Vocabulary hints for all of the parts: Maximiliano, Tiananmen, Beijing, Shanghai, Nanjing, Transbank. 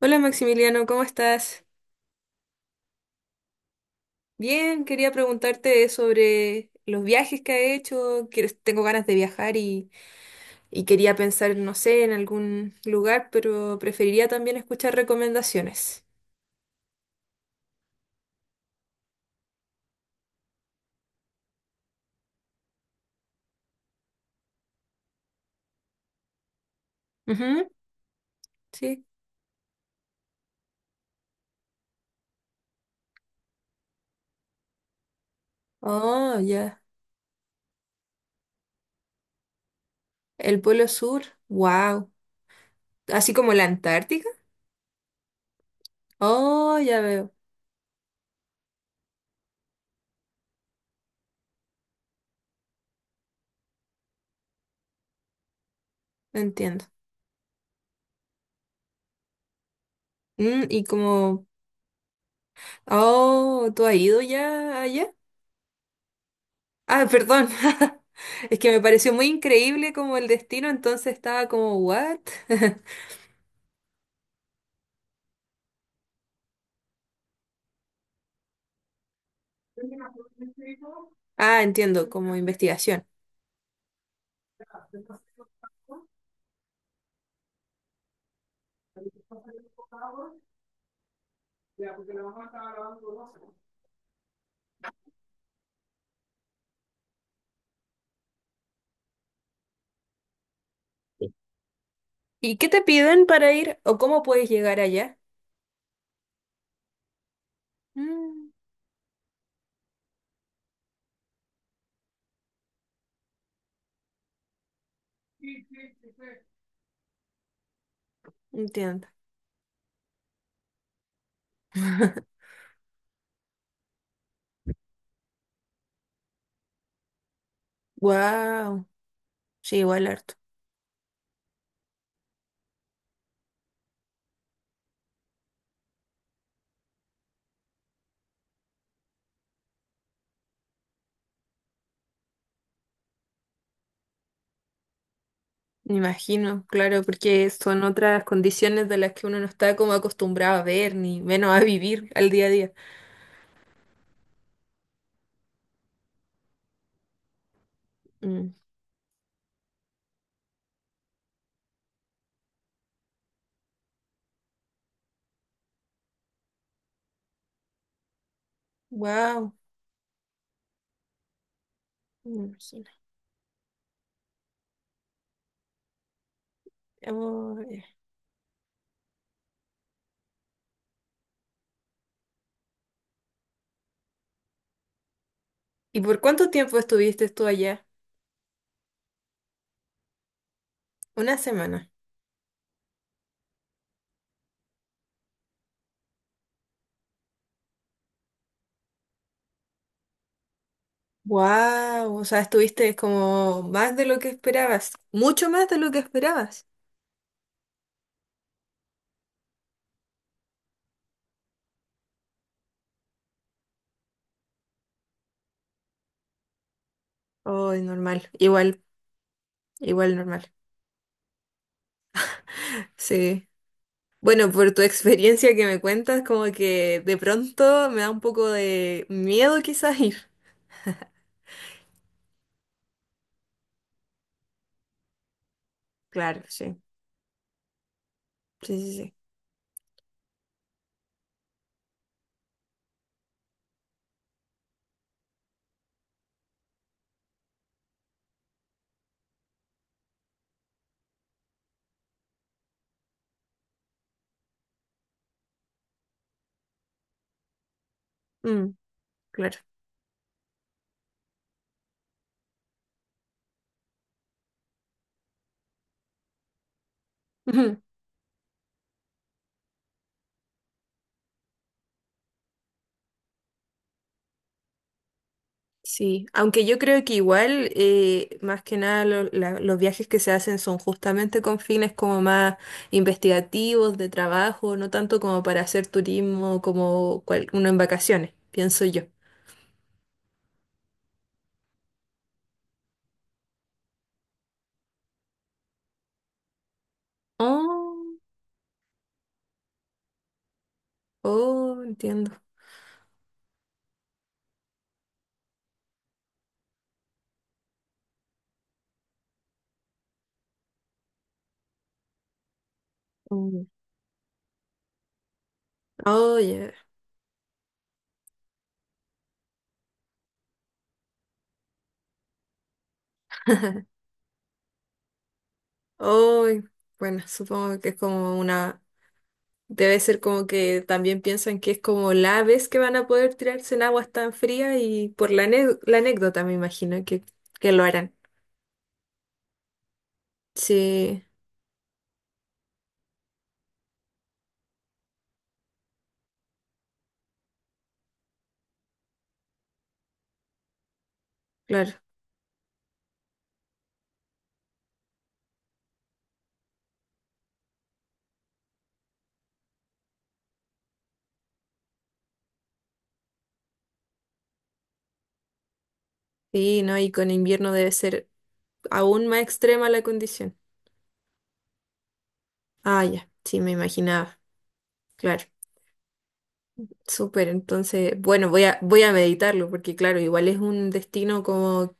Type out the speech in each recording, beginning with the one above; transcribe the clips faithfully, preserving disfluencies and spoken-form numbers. Hola Maximiliano, ¿cómo estás? Bien, quería preguntarte sobre los viajes que has hecho. Quiero- tengo ganas de viajar y, y quería pensar, no sé, en algún lugar, pero preferiría también escuchar recomendaciones. Ujú, sí. Oh, ya. El Polo Sur. Wow. Así como la Antártica. Oh, ya veo. Entiendo. Mm, y como, oh, ¿tú has ido ya allá? Ah, perdón. Es que me pareció muy increíble como el destino, entonces estaba como, ¿what? Ah, entiendo, como investigación. ¿Y qué te piden para ir o cómo puedes llegar allá? Mm, entiendo. Wow, sí, igual harto. Me imagino, claro, porque son otras condiciones de las que uno no está como acostumbrado a ver, ni menos a vivir al día a día. Wow, me imagino. Oh, eh. ¿Y por cuánto tiempo estuviste tú allá? Una semana. Wow, o sea, estuviste como más de lo que esperabas, mucho más de lo que esperabas. Oh, normal, igual, igual normal. Sí. Bueno, por tu experiencia que me cuentas, como que de pronto me da un poco de miedo quizás ir. Claro, sí. Sí, sí, sí. Mm, claro. Sí, aunque yo creo que igual, eh, más que nada, lo- la- los viajes que se hacen son justamente con fines como más investigativos, de trabajo, no tanto como para hacer turismo como cual- uno en vacaciones, pienso yo. Oh, oh, entiendo. Mm. Oh, yeah. Oh, bueno, supongo que es como una... Debe ser como que también piensan que es como la vez que van a poder tirarse en aguas tan frías y por la, ane- la anécdota me imagino que, que lo harán. Sí, claro. Sí, ¿no? Y con invierno debe ser aún más extrema la condición. Ah, ya, sí, me imaginaba. Claro, súper. Entonces, bueno, voy a, voy a meditarlo porque, claro, igual es un destino como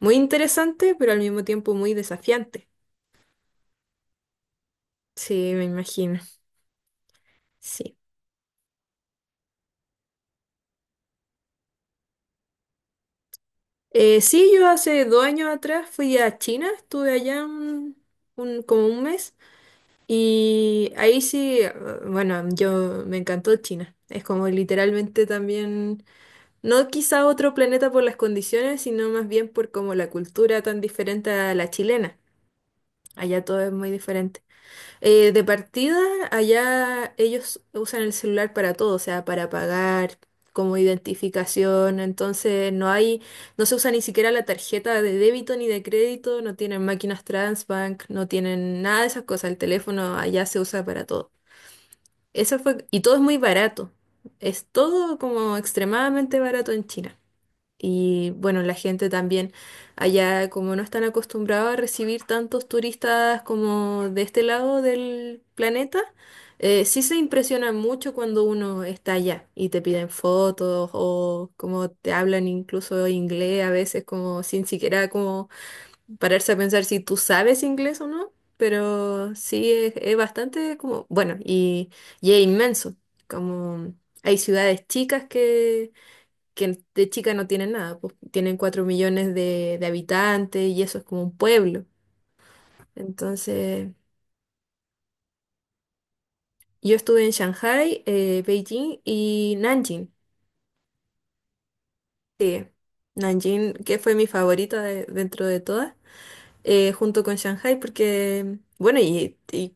muy interesante, pero al mismo tiempo muy desafiante. Sí, me imagino. Sí. Eh, sí, yo hace dos años atrás fui a China, estuve allá un, un- como un mes y ahí sí, eh, bueno, yo me encantó China. Es como literalmente también no quizá otro planeta por las condiciones, sino más bien por como la cultura tan diferente a la chilena. Allá todo es muy diferente. Eh, de partida, allá ellos usan el celular para todo, o sea, para pagar, como identificación. Entonces no hay, no se usa ni siquiera la tarjeta de débito ni de crédito, no tienen máquinas Transbank, no tienen nada de esas cosas. El teléfono allá se usa para todo. Eso fue, y todo es muy barato. Es todo como extremadamente barato en China. Y bueno, la gente también allá, como no están acostumbrados a recibir tantos turistas como de este lado del planeta, eh, sí se impresionan mucho cuando uno está allá y te piden fotos o como te hablan incluso inglés a veces como sin siquiera como pararse a pensar si tú sabes inglés o no, pero sí es, es bastante como, bueno, y, y es inmenso, como hay ciudades chicas que de chica no tienen nada, pues tienen cuatro millones de, de habitantes y eso es como un pueblo. Entonces, yo estuve en Shanghai, eh, Beijing y Nanjing. Sí, Nanjing, que fue mi favorita de- dentro de todas, eh, junto con Shanghai, porque, bueno, y, y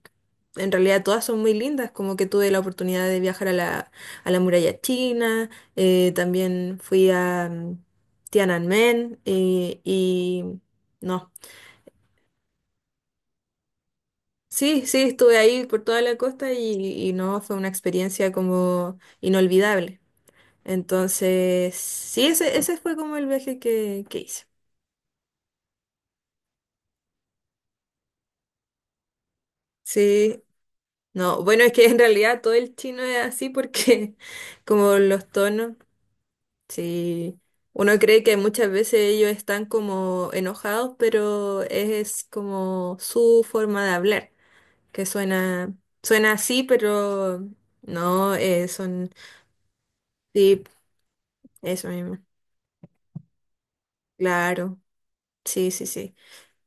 en realidad todas son muy lindas, como que tuve la oportunidad de viajar a la, a la muralla china, eh, también fui a mm, Tiananmen eh, y... No, sí, sí, estuve ahí por toda la costa y, y no, fue una experiencia como inolvidable. Entonces, sí, ese, ese fue como el viaje que, que hice. Sí, no, bueno, es que en realidad todo el chino es así porque como los tonos, sí, uno cree que muchas veces ellos están como enojados, pero es como su forma de hablar, que suena, suena así, pero no, eh, son, sí, eso mismo. Claro, sí, sí, sí.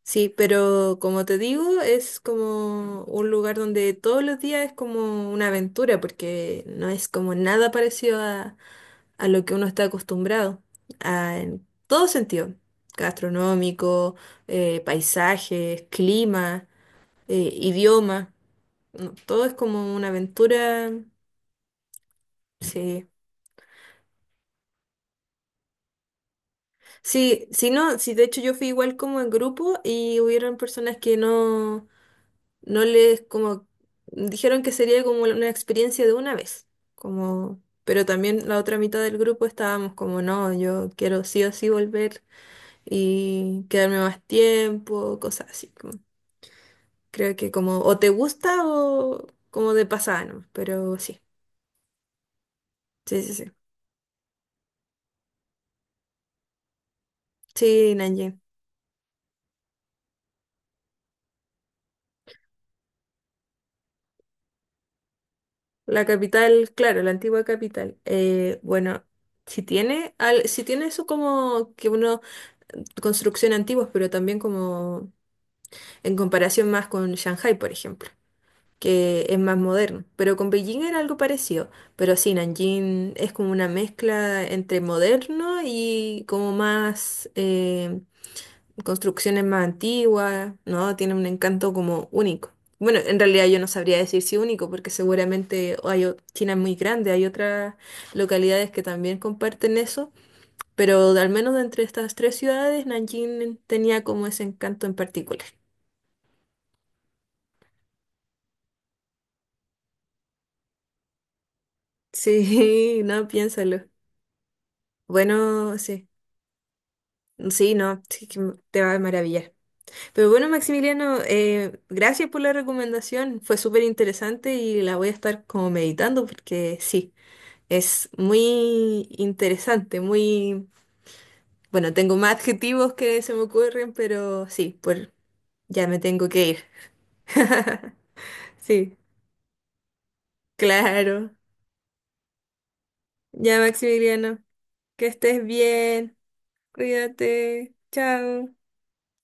Sí, pero como te digo, es como un lugar donde todos los días es como una aventura, porque no es como nada parecido a, a lo que uno está acostumbrado, a- en todo sentido, gastronómico, eh, paisajes, clima, eh, idioma, no, todo es como una aventura, sí. Sí, si no, sí, de hecho yo fui igual como en grupo y hubieron personas que no... no les como dijeron que sería como una experiencia de una vez, como pero también la otra mitad del grupo estábamos como no, yo quiero sí o sí volver y quedarme más tiempo, cosas así. como- creo que como o te gusta o como de pasada, ¿no? Pero sí. Sí, sí, sí. Sí, Nanjing. La capital, claro, la antigua capital. Eh, bueno, si tiene al, si tiene eso como que uno construcción antiguas, pero también como en comparación más con Shanghai, por ejemplo, que es más moderno. Pero con Beijing era algo parecido, pero sí, Nanjing es como una mezcla entre moderno y como más eh, construcciones más antiguas, ¿no? Tiene un encanto como único. Bueno, en realidad yo no sabría decir si único, porque seguramente hay, o- China es muy grande, hay otras localidades que también comparten eso, pero al menos de entre estas tres ciudades, Nanjing tenía como ese encanto en particular. Sí, no, piénsalo. Bueno, sí. Sí, no, sí que te va a maravillar. Pero bueno, Maximiliano, eh, gracias por la recomendación. Fue súper interesante y la voy a estar como meditando porque sí, es muy interesante, muy... Bueno, tengo más adjetivos que se me ocurren, pero sí, pues ya me tengo que ir. Sí, claro. Ya, Maximiliano, que estés bien. Cuídate. Chao.